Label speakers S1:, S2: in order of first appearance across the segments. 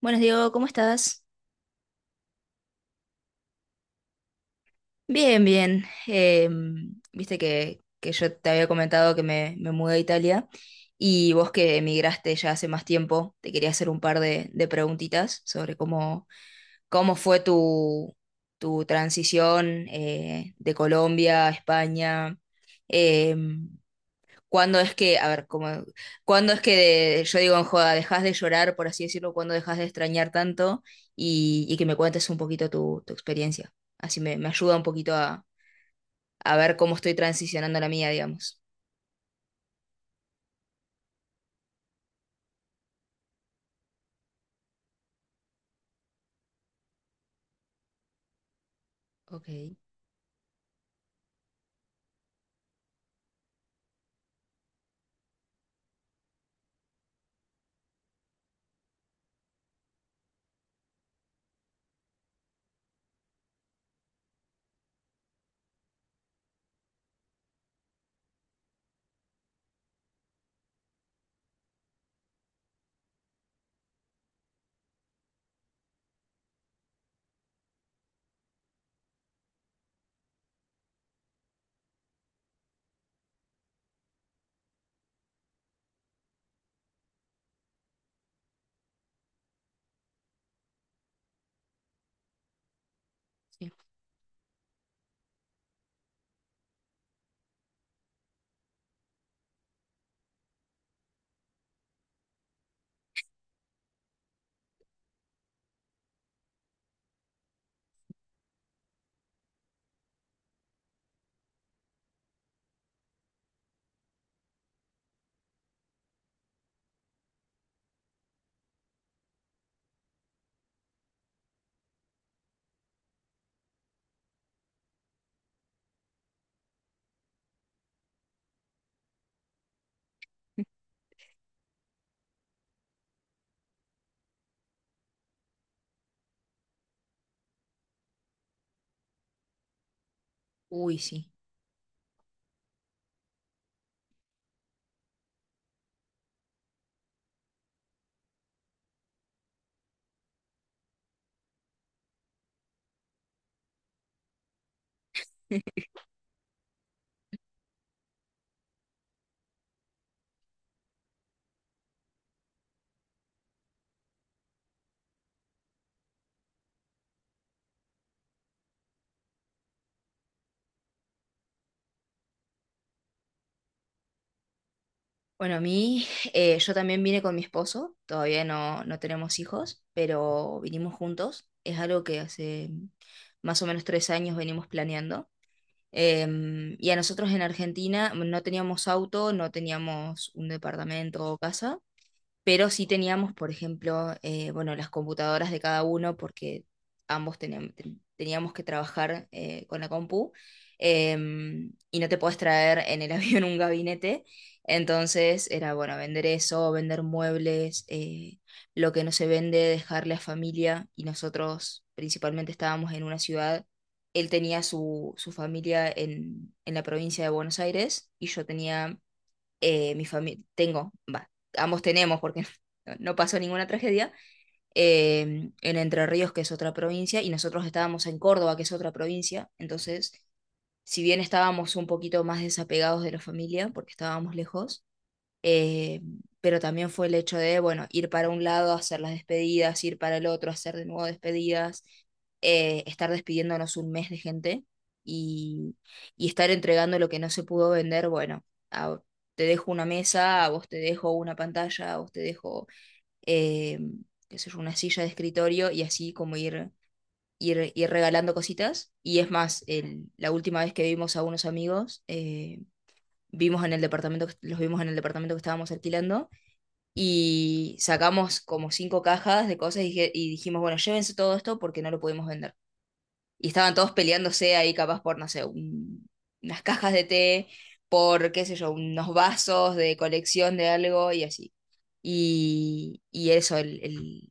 S1: Buenos Diego, ¿cómo estás? Bien, bien. Viste que yo te había comentado que me mudé a Italia y vos que emigraste ya hace más tiempo, te quería hacer un par de preguntitas sobre cómo fue tu transición de Colombia a España. Em, ¿Cuándo es que, a ver, como, cuándo es que yo digo en joda, dejas de llorar, por así decirlo, cuándo dejas de extrañar tanto y que me cuentes un poquito tu experiencia? Así me ayuda un poquito a ver cómo estoy transicionando la mía, digamos. Ok, sí. Uy, sí. Bueno, a mí, yo también vine con mi esposo, todavía no tenemos hijos, pero vinimos juntos. Es algo que hace más o menos 3 años venimos planeando. Y a nosotros en Argentina no teníamos auto, no teníamos un departamento o casa, pero sí teníamos, por ejemplo, bueno, las computadoras de cada uno, porque ambos teníamos, teníamos que trabajar con la compu, y no te podés traer en el avión un gabinete, entonces era, bueno, vender eso, vender muebles, lo que no se vende, dejarle a familia, y nosotros principalmente estábamos en una ciudad. Él tenía su familia en la provincia de Buenos Aires y yo tenía mi familia, tengo, va, ambos tenemos porque no pasó ninguna tragedia, en Entre Ríos, que es otra provincia, y nosotros estábamos en Córdoba, que es otra provincia, entonces, si bien estábamos un poquito más desapegados de la familia, porque estábamos lejos, eh, pero también fue el hecho de, bueno, ir para un lado, hacer las despedidas, ir para el otro, hacer de nuevo despedidas, estar despidiéndonos 1 mes de gente y, y estar entregando lo que no se pudo vender, bueno, a- te dejo una mesa, a vos te dejo una pantalla, a vos te dejo, eh, qué sé yo, una silla de escritorio y así como ir... Ir regalando cositas. Y es más, la última vez que vimos a unos amigos, vimos en el departamento, que- los vimos en el departamento que estábamos alquilando y sacamos como 5 cajas de cosas y dijimos, bueno, llévense todo esto porque no lo pudimos vender. Y estaban todos peleándose ahí capaz por, no sé, unas cajas de té, por, qué sé yo, unos vasos de colección de algo y así. Y eso,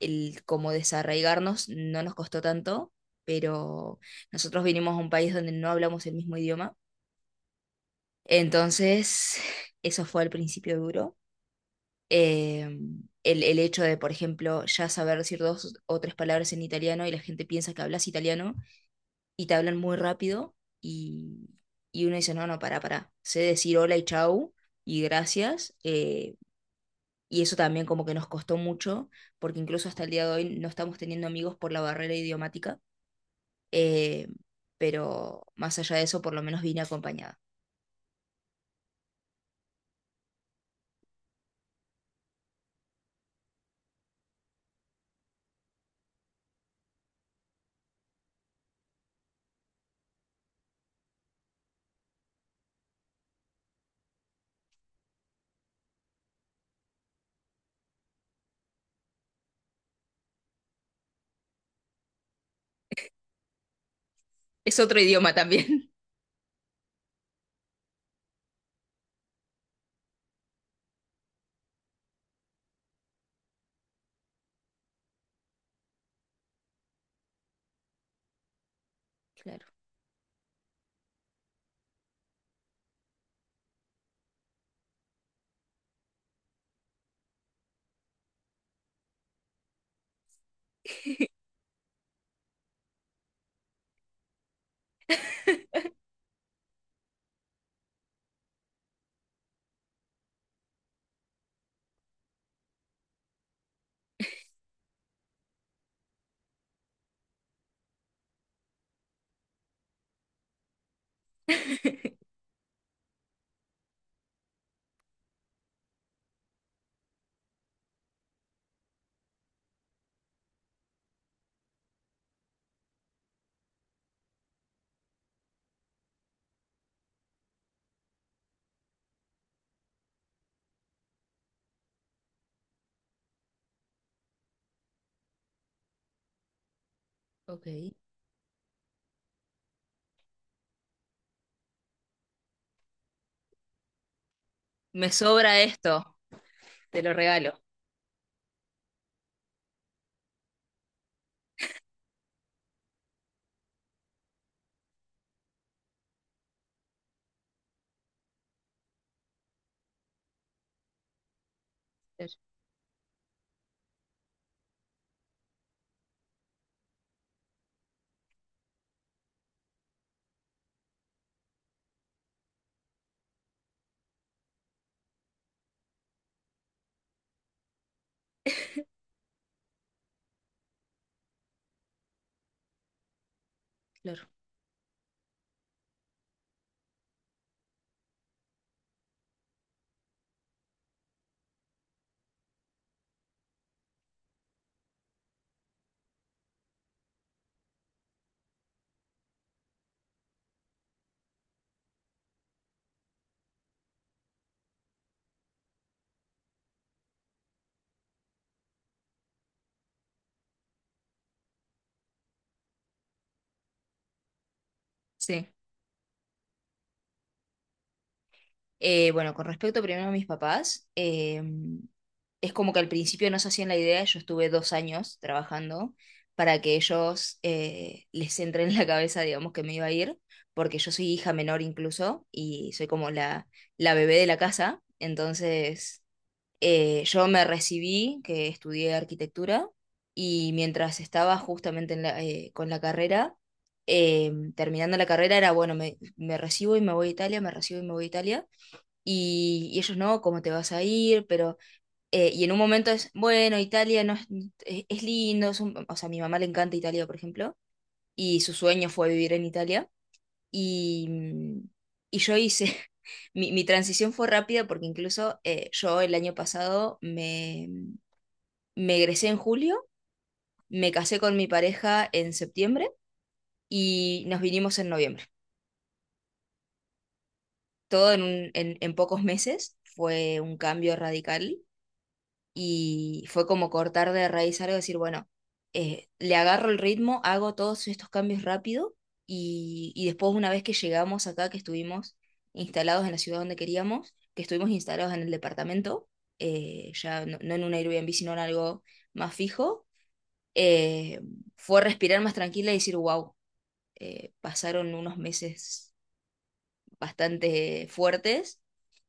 S1: el como desarraigarnos no nos costó tanto, pero nosotros vinimos a un país donde no hablamos el mismo idioma. Entonces, eso fue al principio duro, eh, el hecho de, por ejemplo, ya saber decir 2 o 3 palabras en italiano y la gente piensa que hablas italiano y te hablan muy rápido y, y uno dice, no, no, pará, sé decir hola y chau y gracias. Y eso también como que nos costó mucho, porque incluso hasta el día de hoy no estamos teniendo amigos por la barrera idiomática, eh, pero más allá de eso, por lo menos vine acompañada. Es otro idioma también. Claro. Ok. Me sobra esto, te lo regalo. Claro. Sí. Bueno, con respecto primero a mis papás, es como que al principio no se hacían la idea, yo estuve 2 años trabajando para que ellos les entre en la cabeza, digamos, que me iba a ir, porque yo soy hija menor incluso y soy como la bebé de la casa, entonces. Yo me recibí, que estudié arquitectura, y mientras estaba justamente en con la carrera, terminando la carrera era, bueno, me recibo y me voy a Italia, me recibo y me voy a Italia, y ellos no, ¿cómo te vas a ir? Pero, y en un momento es, bueno, Italia no es, es lindo, o sea, a mi mamá le encanta Italia, por ejemplo, y su sueño fue vivir en Italia. Y, y yo hice, mi transición fue rápida porque incluso yo el año pasado me egresé en julio, me casé con mi pareja en septiembre y nos vinimos en noviembre. Todo en, en pocos meses fue un cambio radical y fue como cortar de raíz algo, decir, bueno, le agarro el ritmo, hago todos estos cambios rápido y después una vez que llegamos acá, que estuvimos instalados en la ciudad donde queríamos, que estuvimos instalados en el departamento, ya no en un Airbnb, sino en algo más fijo, eh, fue respirar más tranquila y decir, wow, pasaron unos meses bastante fuertes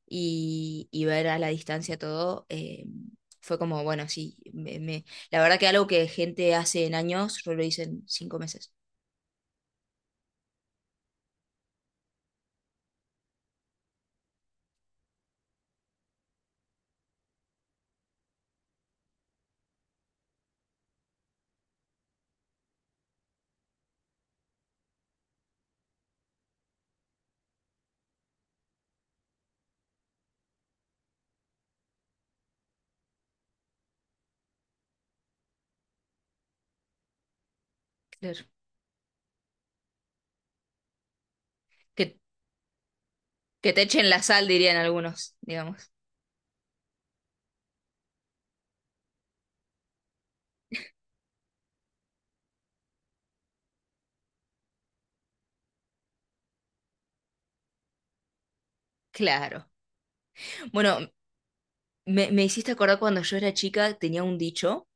S1: y ver a la distancia todo, fue como, bueno, sí, la verdad que algo que gente hace en años, yo lo hice en 5 meses. Claro. Que, que te echen la sal, dirían algunos, digamos. Claro. Bueno, me hiciste acordar cuando yo era chica, tenía un dicho.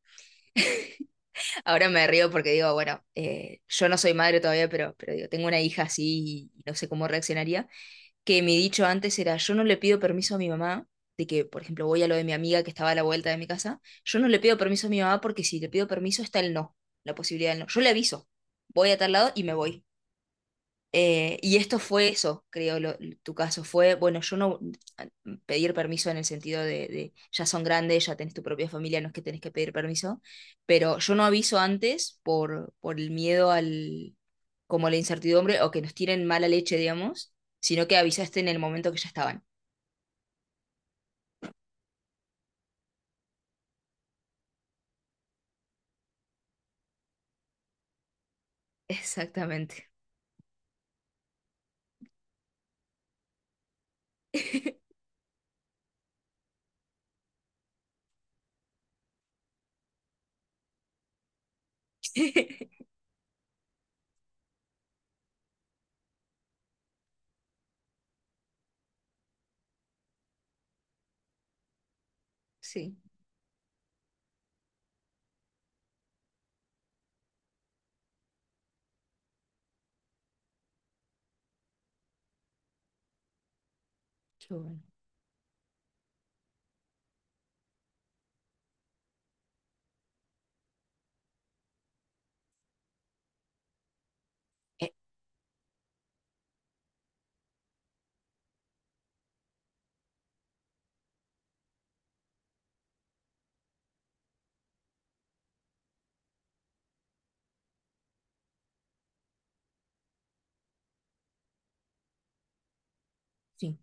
S1: Ahora me río porque digo, bueno, yo no soy madre todavía, pero digo, tengo una hija así y no sé cómo reaccionaría, que mi dicho antes era, yo no le pido permiso a mi mamá, de que, por ejemplo, voy a lo de mi amiga que estaba a la vuelta de mi casa, yo no le pido permiso a mi mamá porque si le pido permiso está el no, la posibilidad del no. Yo le aviso, voy a tal lado y me voy. Y esto fue eso, creo, tu caso. Fue, bueno, yo no pedir permiso en el sentido de ya son grandes, ya tenés tu propia familia, no es que tenés que pedir permiso, pero yo no aviso antes por el miedo al, como la incertidumbre o que nos tiren mala leche, digamos, sino que avisaste en el momento que ya estaban. Exactamente. Sí, yo, bueno. Eh, sí,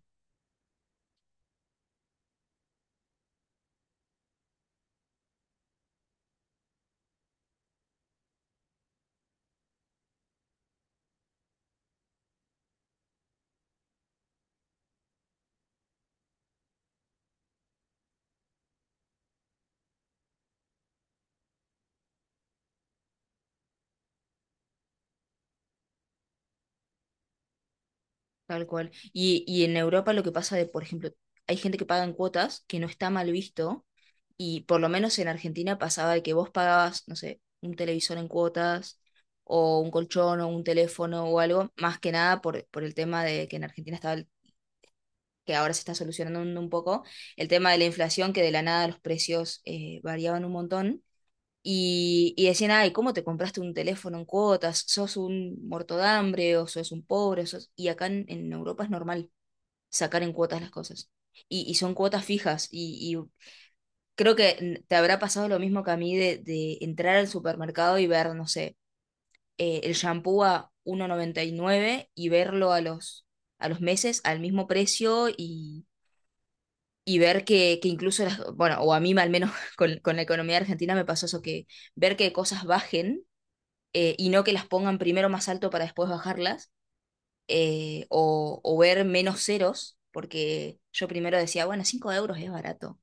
S1: tal cual. Y en Europa lo que pasa de, por ejemplo, hay gente que paga en cuotas, que no está mal visto. Y por lo menos en Argentina pasaba de que vos pagabas, no sé, un televisor en cuotas o un colchón o un teléfono o algo, más que nada por, por el tema de que en Argentina estaba, que ahora se está solucionando un poco, el tema de la inflación, que de la nada los precios variaban un montón. Y decían, ay, ¿cómo te compraste un teléfono en cuotas? ¿Sos un muerto de hambre o sos un pobre? Y acá en Europa es normal sacar en cuotas las cosas. Y son cuotas fijas y creo que te habrá pasado lo mismo que a mí de entrar al supermercado y ver, no sé, el shampoo a 1,99 y nueve y verlo a los meses al mismo precio y ver que incluso, las, bueno, o a mí al menos con la economía argentina me pasó eso, que ver que cosas bajen y no que las pongan primero más alto para después bajarlas, o ver menos ceros, porque yo primero decía, bueno, 5 euros es barato,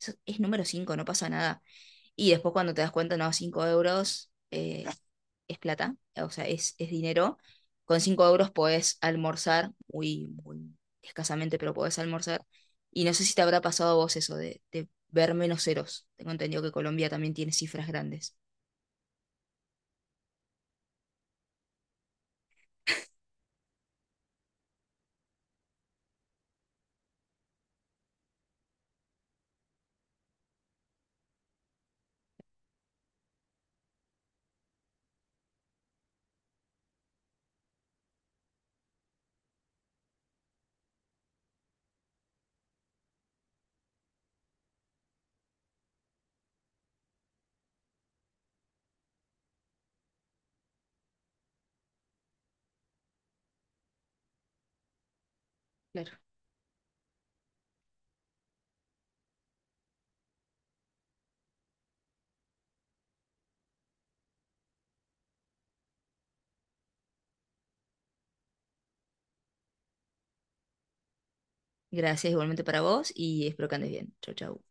S1: eso es número 5 no pasa nada. Y después cuando te das cuenta, no, 5 euros es plata, o sea, es dinero. Con 5 euros podés almorzar, muy, muy escasamente, pero podés almorzar. Y no sé si te habrá pasado a vos eso de ver menos ceros. Tengo entendido que Colombia también tiene cifras grandes. Claro. Gracias igualmente para vos y espero que andes bien. Chau, chau.